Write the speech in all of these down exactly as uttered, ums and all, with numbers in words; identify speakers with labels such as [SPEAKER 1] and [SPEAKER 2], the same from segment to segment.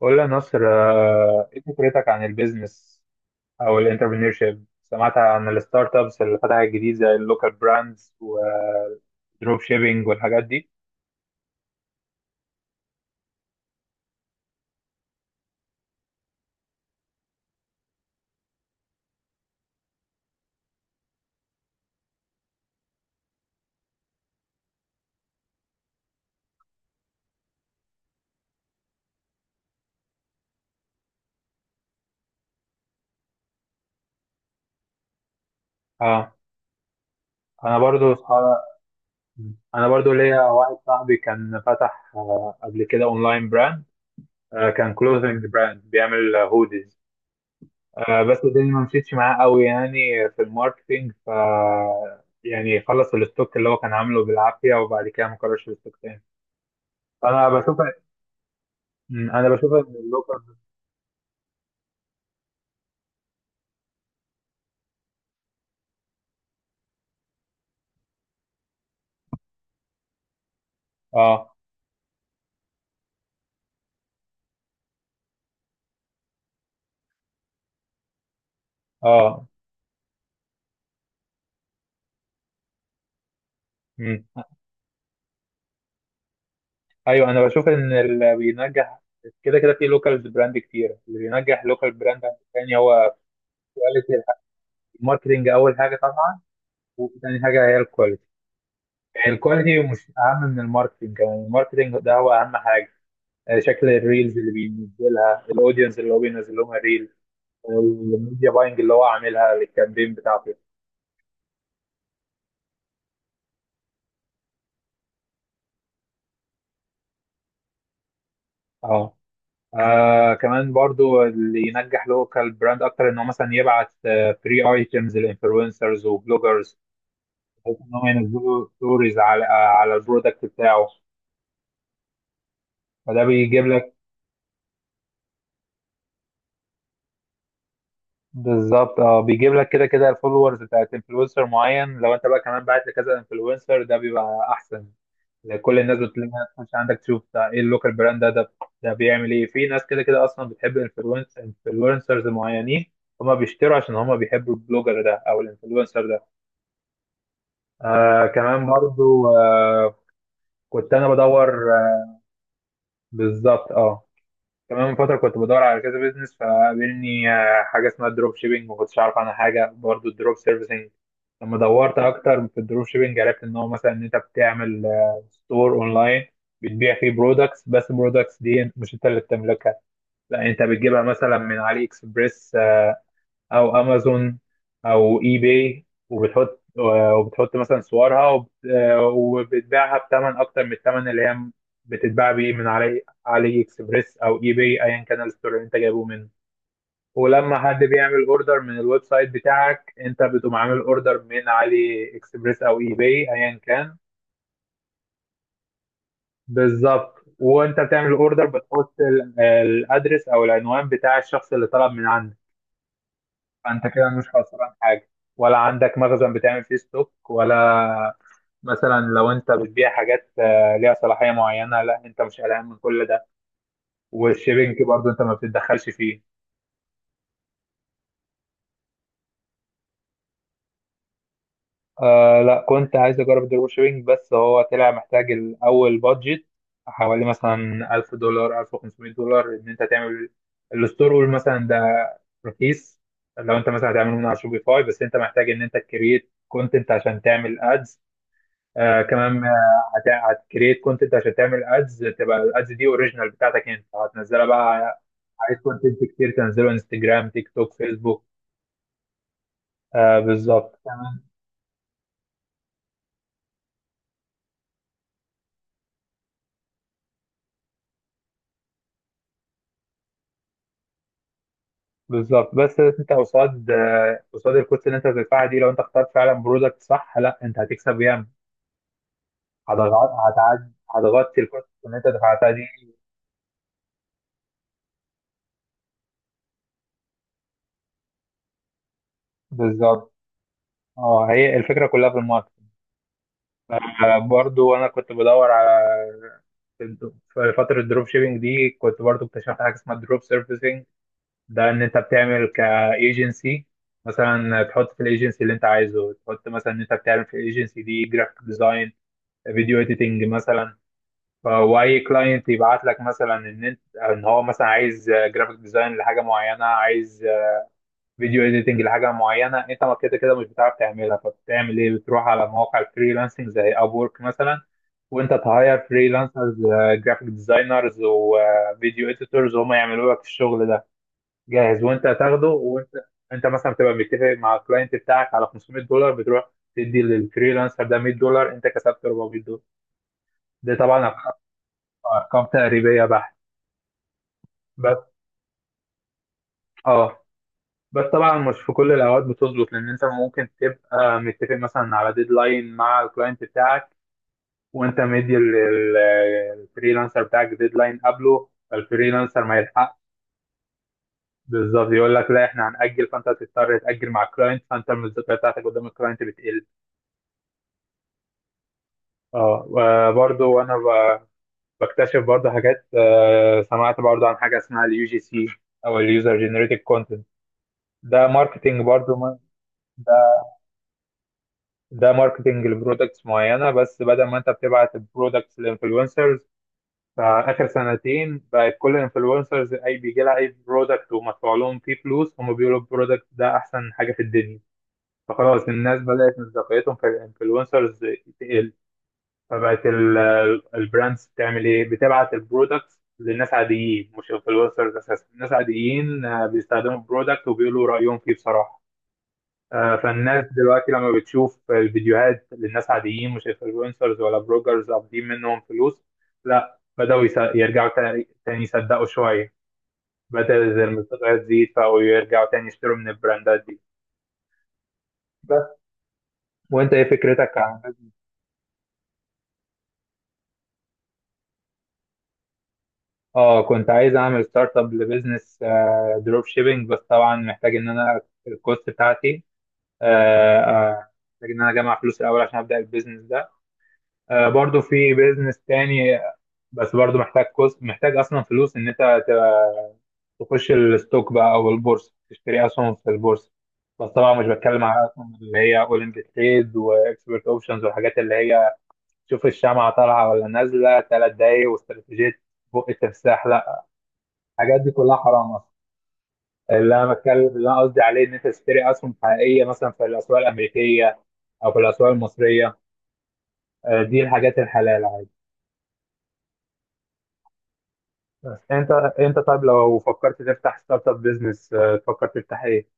[SPEAKER 1] قول لي يا نصر آه، ايه فكرتك عن البيزنس او الانتربرينورشيب؟ سمعت عن الستارت ابس اللي فتحت جديد زي اللوكال براندز والدروب شيبينج والحاجات دي. اه، انا برضو صح- انا برضو ليا واحد صاحبي كان فتح آه، قبل كده اونلاين براند. آه، كان كلوزنج براند بيعمل هوديز، بس الدنيا ما مشيتش معاه قوي يعني في الماركتينج. ف يعني خلص الستوك اللي هو كان عامله بالعافية وبعد كده ما كررش الستوك تاني. فأنا بشوف، مم، انا بشوف ان اللوكر، اه، اه، مم. ايوه، انا بشوف ان اللي بينجح كده كده في لوكال براند، كتير اللي بينجح لوكال براند تاني هو كواليتي. الماركتنج اول حاجه طبعا، وتاني حاجه هي الكواليتي. الكواليتي مش اهم من الماركتنج، يعني الماركتنج ده هو اهم حاجه. آه، شكل الريلز اللي بينزلها، الاودينس اللي هو بينزل لهم الريل، آه، والميديا باينج اللي هو عاملها للكامبين بتاعته. اه. آه كمان برضو، اللي ينجح لوكال براند اكتر ان هو مثلا يبعت فري ايتمز للانفلونسرز وبلوجرز، بحيث ان هم ينزلوا ستوريز على، آه، على البرودكت بتاعه. فده بيجيب لك، بالظبط، اه، بيجيب لك كده كده الفولورز بتاعت انفلونسر معين. لو انت بقى كمان بعت لكذا انفلونسر، ده بيبقى احسن. يعني كل الناس بتلاقيها تخش عندك تشوف ده ايه، اللوكال براند ده ده ده بيعمل ايه. في ناس كده كده اصلا بتحب انفلونسرز معينين، هما بيشتروا عشان هما بيحبوا البلوجر ده او الانفلونسر ده. آه كمان برضو آه كنت انا بدور، آه بالظبط اه. كمان من فتره كنت بدور على كذا بيزنس، فقابلني آه حاجه اسمها دروب شيبينج، ما كنتش اعرف عنها حاجه، برضو الدروب سيرفيسنج. لما دورت اكتر في الدروب شيبينج، عرفت ان هو مثلا ان انت بتعمل آه ستور اونلاين، بتبيع فيه برودكتس، بس البرودكتس دي مش انت اللي بتملكها، لا انت بتجيبها مثلا من علي اكسبريس او امازون او اي باي، وبتحط وبتحط مثلا صورها وبت- وبتبيعها بثمن اكتر من الثمن اللي هي بتتباع بيه من علي علي اكسبريس او اي باي، ايا كان الستور اللي انت جايبه منه. ولما حد بيعمل اوردر من الويب سايت بتاعك، انت بتقوم عامل اوردر من علي اكسبريس او اي باي ايا كان. بالظبط، وانت بتعمل اوردر بتحط الادرس او العنوان بتاع الشخص اللي طلب من عندك. فانت كده مش خسران حاجه، ولا عندك مخزن بتعمل فيه ستوك، ولا مثلا لو انت بتبيع حاجات آه، ليها صلاحيه معينه، لا انت مش قلقان من كل ده. والشيبنج برضه انت ما بتتدخلش فيه. آه لا، كنت عايز اجرب الدروب شيبنج، بس هو طلع محتاج الاول بادجت حوالي مثلا ألف دولار، ألف وخمسمائة دولار ان انت تعمل الستور. قول مثلا ده رخيص، لو انت مثلا هتعمله من على شوبيفاي، بس انت محتاج ان انت تكريت كونتنت عشان تعمل ادز. آه كمان آه، هت- هتكريت كونتنت عشان تعمل ادز، تبقى الادز دي اوريجينال بتاعتك انت هتنزلها بقى. عايز كونتنت كتير تنزله انستجرام، تيك توك، فيسبوك. آه بالظبط، تمام. بالظبط، بس انت قصاد آه، قصاد الكوست اللي انت بتدفعها دي، لو انت اخترت فعلا برودكت صح، لا انت هتكسب ياما، هتغطي هتعد هتغطي الكوست اللي انت دفعتها دي. بالظبط، اه هي الفكره كلها في الماركت. آه، برضو انا كنت بدور على، في فترة الدروب شيبينج دي، كنت برضو اكتشفت حاجة اسمها دروب سيرفيسنج. ده ان انت بتعمل كايجنسي، مثلا تحط في الايجنسي اللي انت عايزه، تحط مثلا ان انت بتعمل في الايجنسي دي جرافيك ديزاين، فيديو اديتنج مثلا. ف- واي كلاينت يبعت لك مثلا ان انت، ان هو مثلا عايز جرافيك ديزاين لحاجه معينه، عايز فيديو اديتنج لحاجه معينه، انت ما كده كده مش بتعرف تعملها، فبتعمل ايه، بتروح على مواقع الفريلانسنج زي ابورك مثلا وانت تهاير فريلانسرز، جرافيك ديزاينرز وفيديو اديتورز، وهم يعملوا لك الشغل ده جاهز وانت هتاخده. وانت انت مثلا بتبقى متفق مع الكلاينت بتاعك على خمسمائة دولار، بتروح تدي للفريلانسر ده مية دولار، انت كسبت أربعمية دولار. ده طبعا أرق- ارقام تقريبيه بحت. بس اه، بس طبعا مش في كل الاوقات بتظبط، لان انت ممكن تبقى متفق مثلا على ديدلاين مع الكلاينت بتاعك، وانت مدي للفريلانسر بتاعك ديدلاين قبله، فالفريلانسر ما يلحق. بالظبط، يقول لك لا احنا هنأجل، فانت تضطر تأجل مع الكلاينت، فانت المصداقيه بتاعتك قدام الكلاينت بتقل. اه و- برضو انا ب- بكتشف برضو حاجات، آه، سمعت برضو عن حاجه اسمها اليو جي سي، او اليوزر جنريتد كونتنت. ده ماركتنج برضو ما- ده ماركتنج لبرودكتس معينه، بس بدل ما انت بتبعت البرودكتس للانفلونسرز، فاخر سنتين بقت كل الانفلونسرز اي بيجي لها اي برودكت ومدفوع لهم فيه فلوس، هم بيقولوا البرودكت ده احسن حاجه في الدنيا، فخلاص الناس بدات مصداقيتهم في الانفلونسرز. فبقت ال- ال- البراندز بتعمل ايه، بتبعت البرودكتس للناس عاديين مش انفلونسرز اساسا، الناس عاديين آه، بيستخدموا البرودكت وبيقولوا رايهم فيه بصراحه. آه، فالناس دلوقتي لما بتشوف الفيديوهات للناس عاديين، مش انفلونسرز ولا بلوجرز قابضين منهم فلوس، لا بدأوا يس- يرجعوا تا- تاني يصدقوا شويه، بدأت المستويات تزيد، فبقوا يرجعوا تاني يشتروا من البراندات دي. بس، وانت ايه فكرتك عن؟ اه كنت عايز اعمل ستارت اب لبزنس دروب شيبينج، بس طبعا محتاج ان انا الكوست بتاعتي، آه، آه، محتاج ان انا اجمع فلوس الاول عشان ابدا البيزنس ده. آه، برضو في بيزنس تاني، بس برضو محتاج كوست، محتاج اصلا فلوس ان انت تبقى تخش الستوك بقى، او البورصه تشتري اسهم في البورصه. بس طبعا مش بتكلم على اسهم اللي هي اولمبي تريد واكسبرت اوبشنز والحاجات اللي هي شوف الشمعة طالعة ولا نازلة تلات دقايق واستراتيجية بق التمساح، لا. الحاجات دي كلها حرام اصلا. اللي انا بتكلم اللي انا قصدي عليه ان انت تشتري اسهم حقيقيه مثلا في الاسواق الامريكيه او في الاسواق المصريه. آه، دي الحاجات الحلال عادي. بس انت، انت طيب لو فكرت تفتح ستارت اب بزنس، تفكر تفتح ايه؟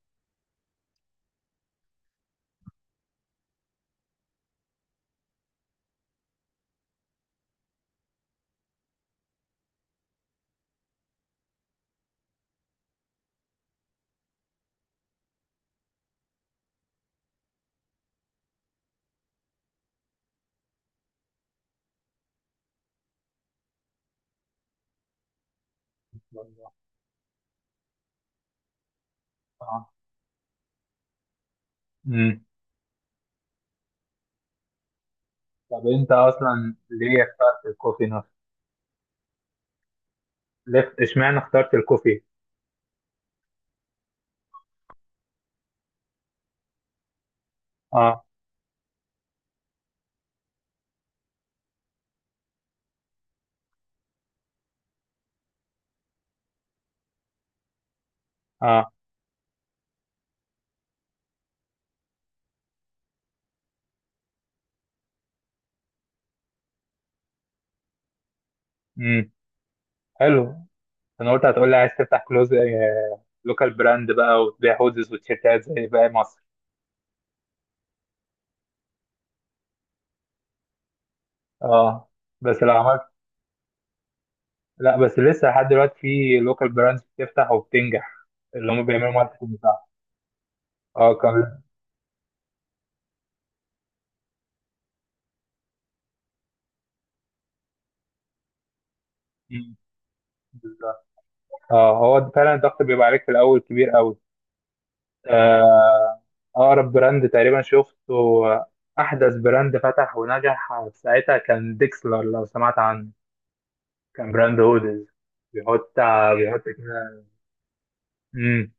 [SPEAKER 1] آه. امم. طب انت اصلا ليه اخترت الكوفي نفسه؟ ليه اشمعنى اخترت الكوفي؟ اه. اه. امم، حلو. انا قلت هتقول لي عايز تفتح كلوز، لوكال براند بقى وتبيع هودز وتيشيرتات زي باقي مصر. اه بس لو عملت، لا بس لسه لحد دلوقتي في لوكال براندز بتفتح وبتنجح، اللي هم بيعملوا ماركتنج صح. اه كان، مم، بالظبط. اه هو فعلا الضغط بيبقى عليك في الاول كبير قوي. آه، اقرب براند تقريبا شفته، احدث براند فتح ونجح في ساعتها، كان ديكسلر لو سمعت عنه. كان براند هودز، بيحط آه، بيحط كده. امم،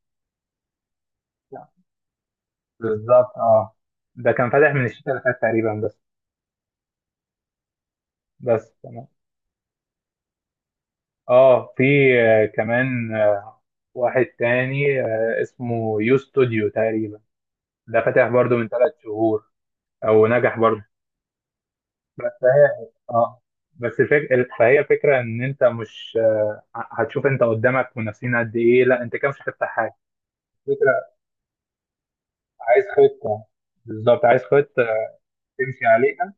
[SPEAKER 1] بالظبط اه. ده كان فاتح من الشتاء اللي فات تقريبا بس. بس تمام. اه في، آه، كمان واحد تاني آه، اسمه يو ستوديو تقريبا. ده فاتح برضو من تلات شهور، او نجح برضو. فهي اه بس فك... فهي فكره ان انت مش ه- هتشوف انت قدامك منافسين قد ايه، لا انت كده مش هتفتح حاجه. فكره، عايز خطه. بالظبط، عايز خطه تمشي عليها.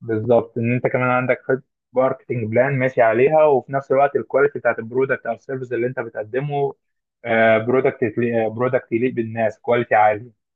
[SPEAKER 1] بالظبط، ان انت كمان عندك خطه، ماركتنج بلان ماشي عليها، وفي نفس الوقت الكواليتي بتاعت البرودكت او السيرفيس اللي انت بتقدمه. برودكت برودكت يليق بالناس، كواليتي عالي.